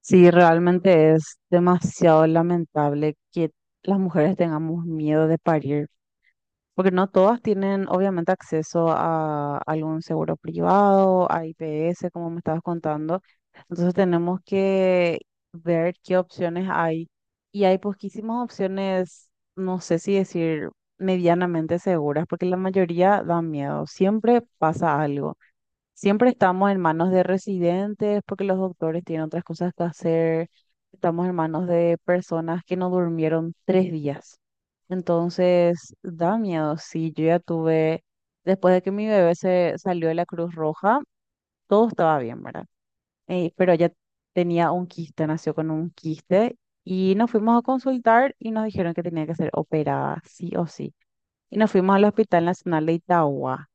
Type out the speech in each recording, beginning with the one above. Sí, realmente es demasiado lamentable que las mujeres tengamos miedo de parir, porque no todas tienen obviamente acceso a algún seguro privado, a IPS, como me estabas contando. Entonces tenemos que ver qué opciones hay. Y hay poquísimas opciones, no sé si decir medianamente seguras, porque la mayoría dan miedo. Siempre pasa algo. Siempre estamos en manos de residentes porque los doctores tienen otras cosas que hacer. Estamos en manos de personas que no durmieron 3 días. Entonces, da miedo. Sí, yo ya tuve, después de que mi bebé se salió de la Cruz Roja, todo estaba bien, ¿verdad? Pero ella tenía un quiste, nació con un quiste y nos fuimos a consultar y nos dijeron que tenía que ser operada, sí o sí. Y nos fuimos al Hospital Nacional de Itagua,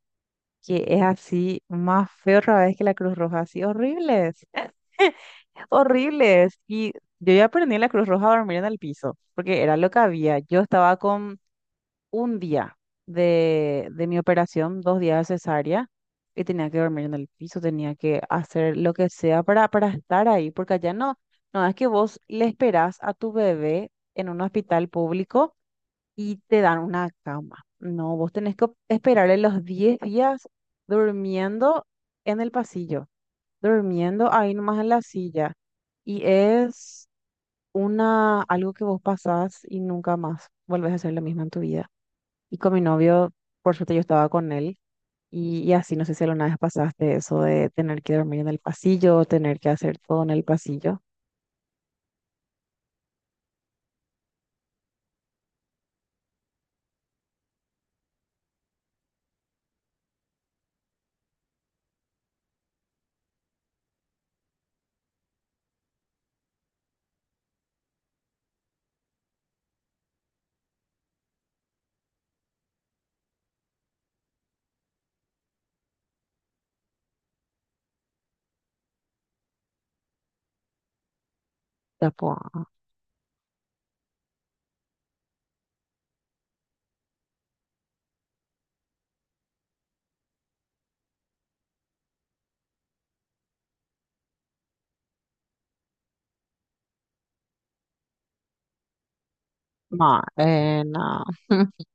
que es así más feo otra vez que la Cruz Roja, así horribles, horribles. Y yo ya aprendí en la Cruz Roja a dormir en el piso, porque era lo que había. Yo estaba con un día de mi operación, dos días de cesárea, y tenía que dormir en el piso, tenía que hacer lo que sea para estar ahí, porque allá no, no es que vos le esperás a tu bebé en un hospital público y te dan una cama. No, vos tenés que esperarle los 10 días durmiendo en el pasillo, durmiendo ahí nomás en la silla. Y es una, algo que vos pasás y nunca más volvés a hacer lo mismo en tu vida. Y con mi novio, por suerte yo estaba con él. Y así, no sé si alguna vez pasaste eso de tener que dormir en el pasillo, tener que hacer todo en el pasillo. Ya, pues, no, no.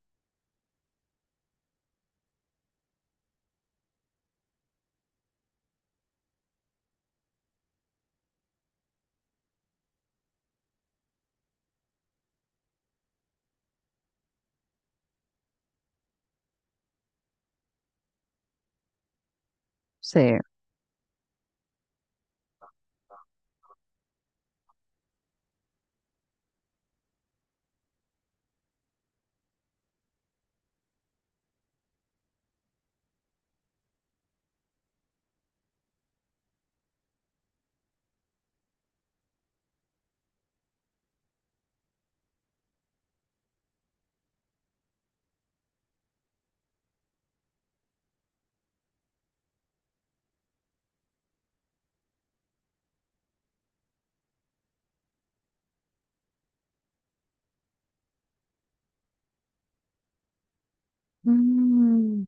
Sí. Mm,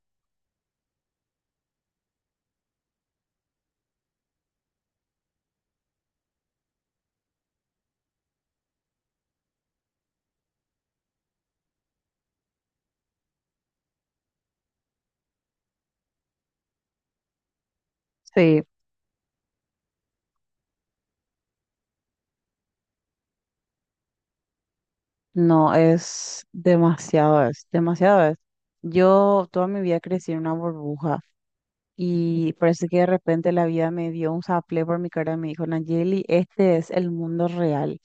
sí. No, es demasiado, es demasiado, es. Yo toda mi vida crecí en una burbuja y parece que de repente la vida me dio un saplé por mi cara y me dijo, Nayeli, este es el mundo real,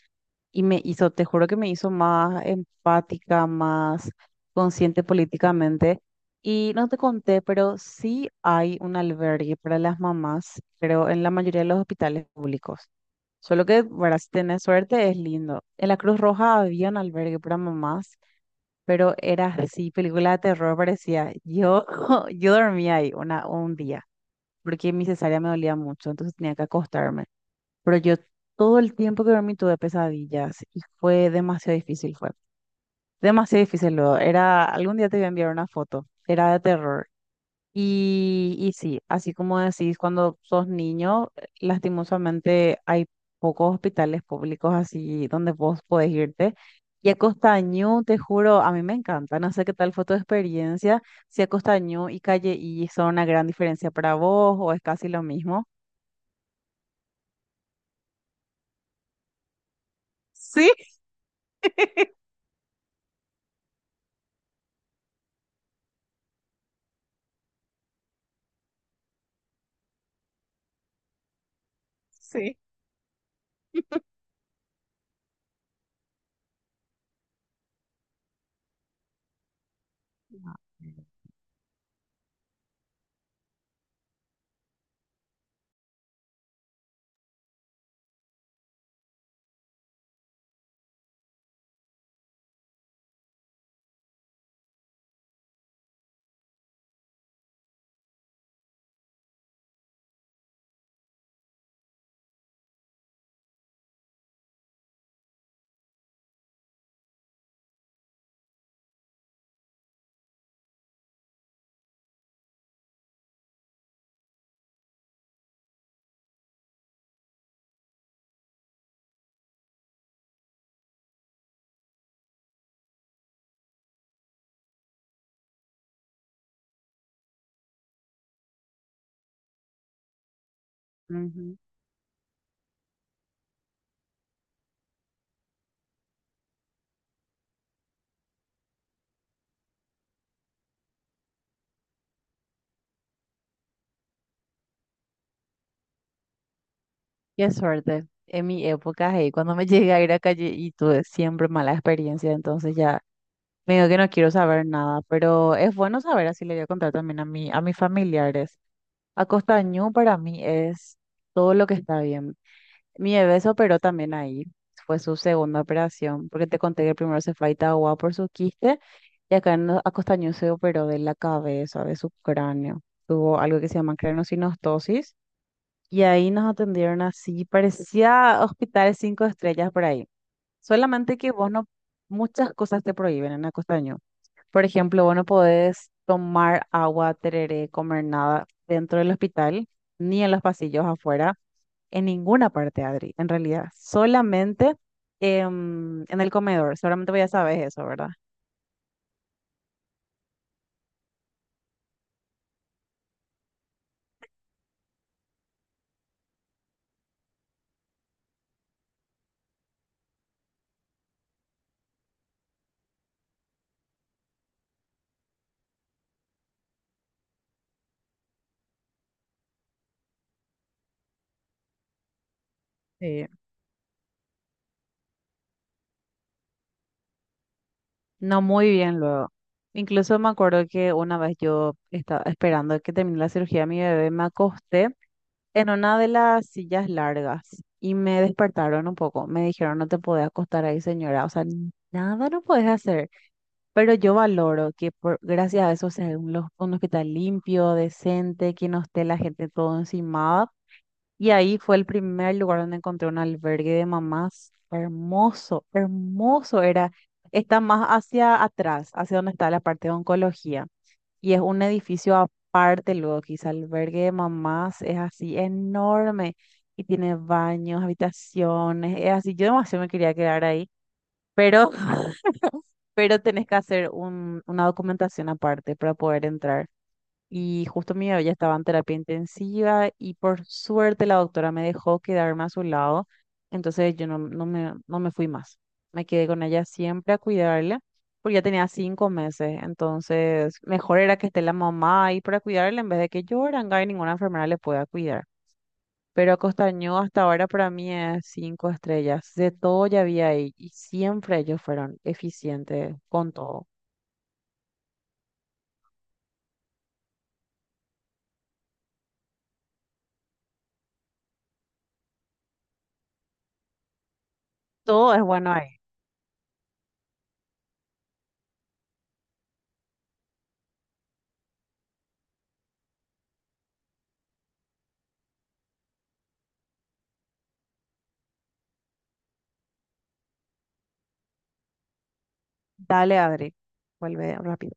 y me hizo, te juro que me hizo más empática, más consciente políticamente. Y no te conté, pero sí hay un albergue para las mamás, pero en la mayoría de los hospitales públicos. Solo que, para si tenés suerte, es lindo. En la Cruz Roja había un albergue para mamás, pero era así, película de terror parecía. Yo, yo dormía ahí una, un día, porque mi cesárea me dolía mucho, entonces tenía que acostarme. Pero yo todo el tiempo que dormí tuve pesadillas y fue demasiado difícil luego. Era, algún día te voy a enviar una foto, era de terror. Y sí, así como decís, cuando sos niño, lastimosamente hay pocos hospitales públicos así donde vos podés irte. Y a Costañú, te juro, a mí me encanta, no sé qué tal fue tu experiencia, si a Costañú y Calle y son una gran diferencia para vos o es casi lo mismo. Sí, sí. Qué suerte. En mi época, hey, cuando me llegué a ir a calle y tuve siempre mala experiencia, entonces ya me digo que no quiero saber nada, pero es bueno saber, así le voy a contar también a mi, a mis familiares. Acostañú para mí es todo lo que está bien. Mi bebé se operó también ahí, fue su segunda operación, porque te conté que el primero se fue a Itagua por su quiste, y acá en Acostañú se operó de la cabeza, de su cráneo. Tuvo algo que se llama craniosynostosis y ahí nos atendieron así, parecía hospitales cinco estrellas por ahí. Solamente que vos no, muchas cosas te prohíben en Acostaño. Por ejemplo, vos no podés tomar agua, tereré, comer nada dentro del hospital, ni en los pasillos afuera, en ninguna parte, Adri, en realidad. Solamente en el comedor, seguramente vos ya sabes eso, ¿verdad? Sí. No, muy bien luego. Incluso me acuerdo que una vez yo estaba esperando que terminara la cirugía de mi bebé, me acosté en una de las sillas largas y me despertaron un poco. Me dijeron, no te podés acostar ahí, señora. O sea, nada no puedes hacer. Pero yo valoro que por, gracias a eso sea un, un hospital limpio, decente, que no esté la gente todo encimada. Y ahí fue el primer lugar donde encontré un albergue de mamás. Hermoso, hermoso era. Está más hacia atrás, hacia donde está la parte de oncología. Y es un edificio aparte luego, quizá el albergue de mamás es así enorme y tiene baños, habitaciones, es así. Yo demasiado me quería quedar ahí, pero, pero tenés que hacer un, una documentación aparte para poder entrar. Y justo mi bebé ya estaba en terapia intensiva y por suerte la doctora me dejó quedarme a su lado. Entonces yo no, no me, no me fui más. Me quedé con ella siempre a cuidarla porque ya tenía 5 meses. Entonces mejor era que esté la mamá ahí para cuidarla en vez de que yo, Aranguá, y ninguna enfermera le pueda cuidar. Pero Acostañó hasta ahora para mí es cinco estrellas. De todo ya había ahí y siempre ellos fueron eficientes con todo. Todo es bueno ahí. Dale, Adri. Vuelve rápido.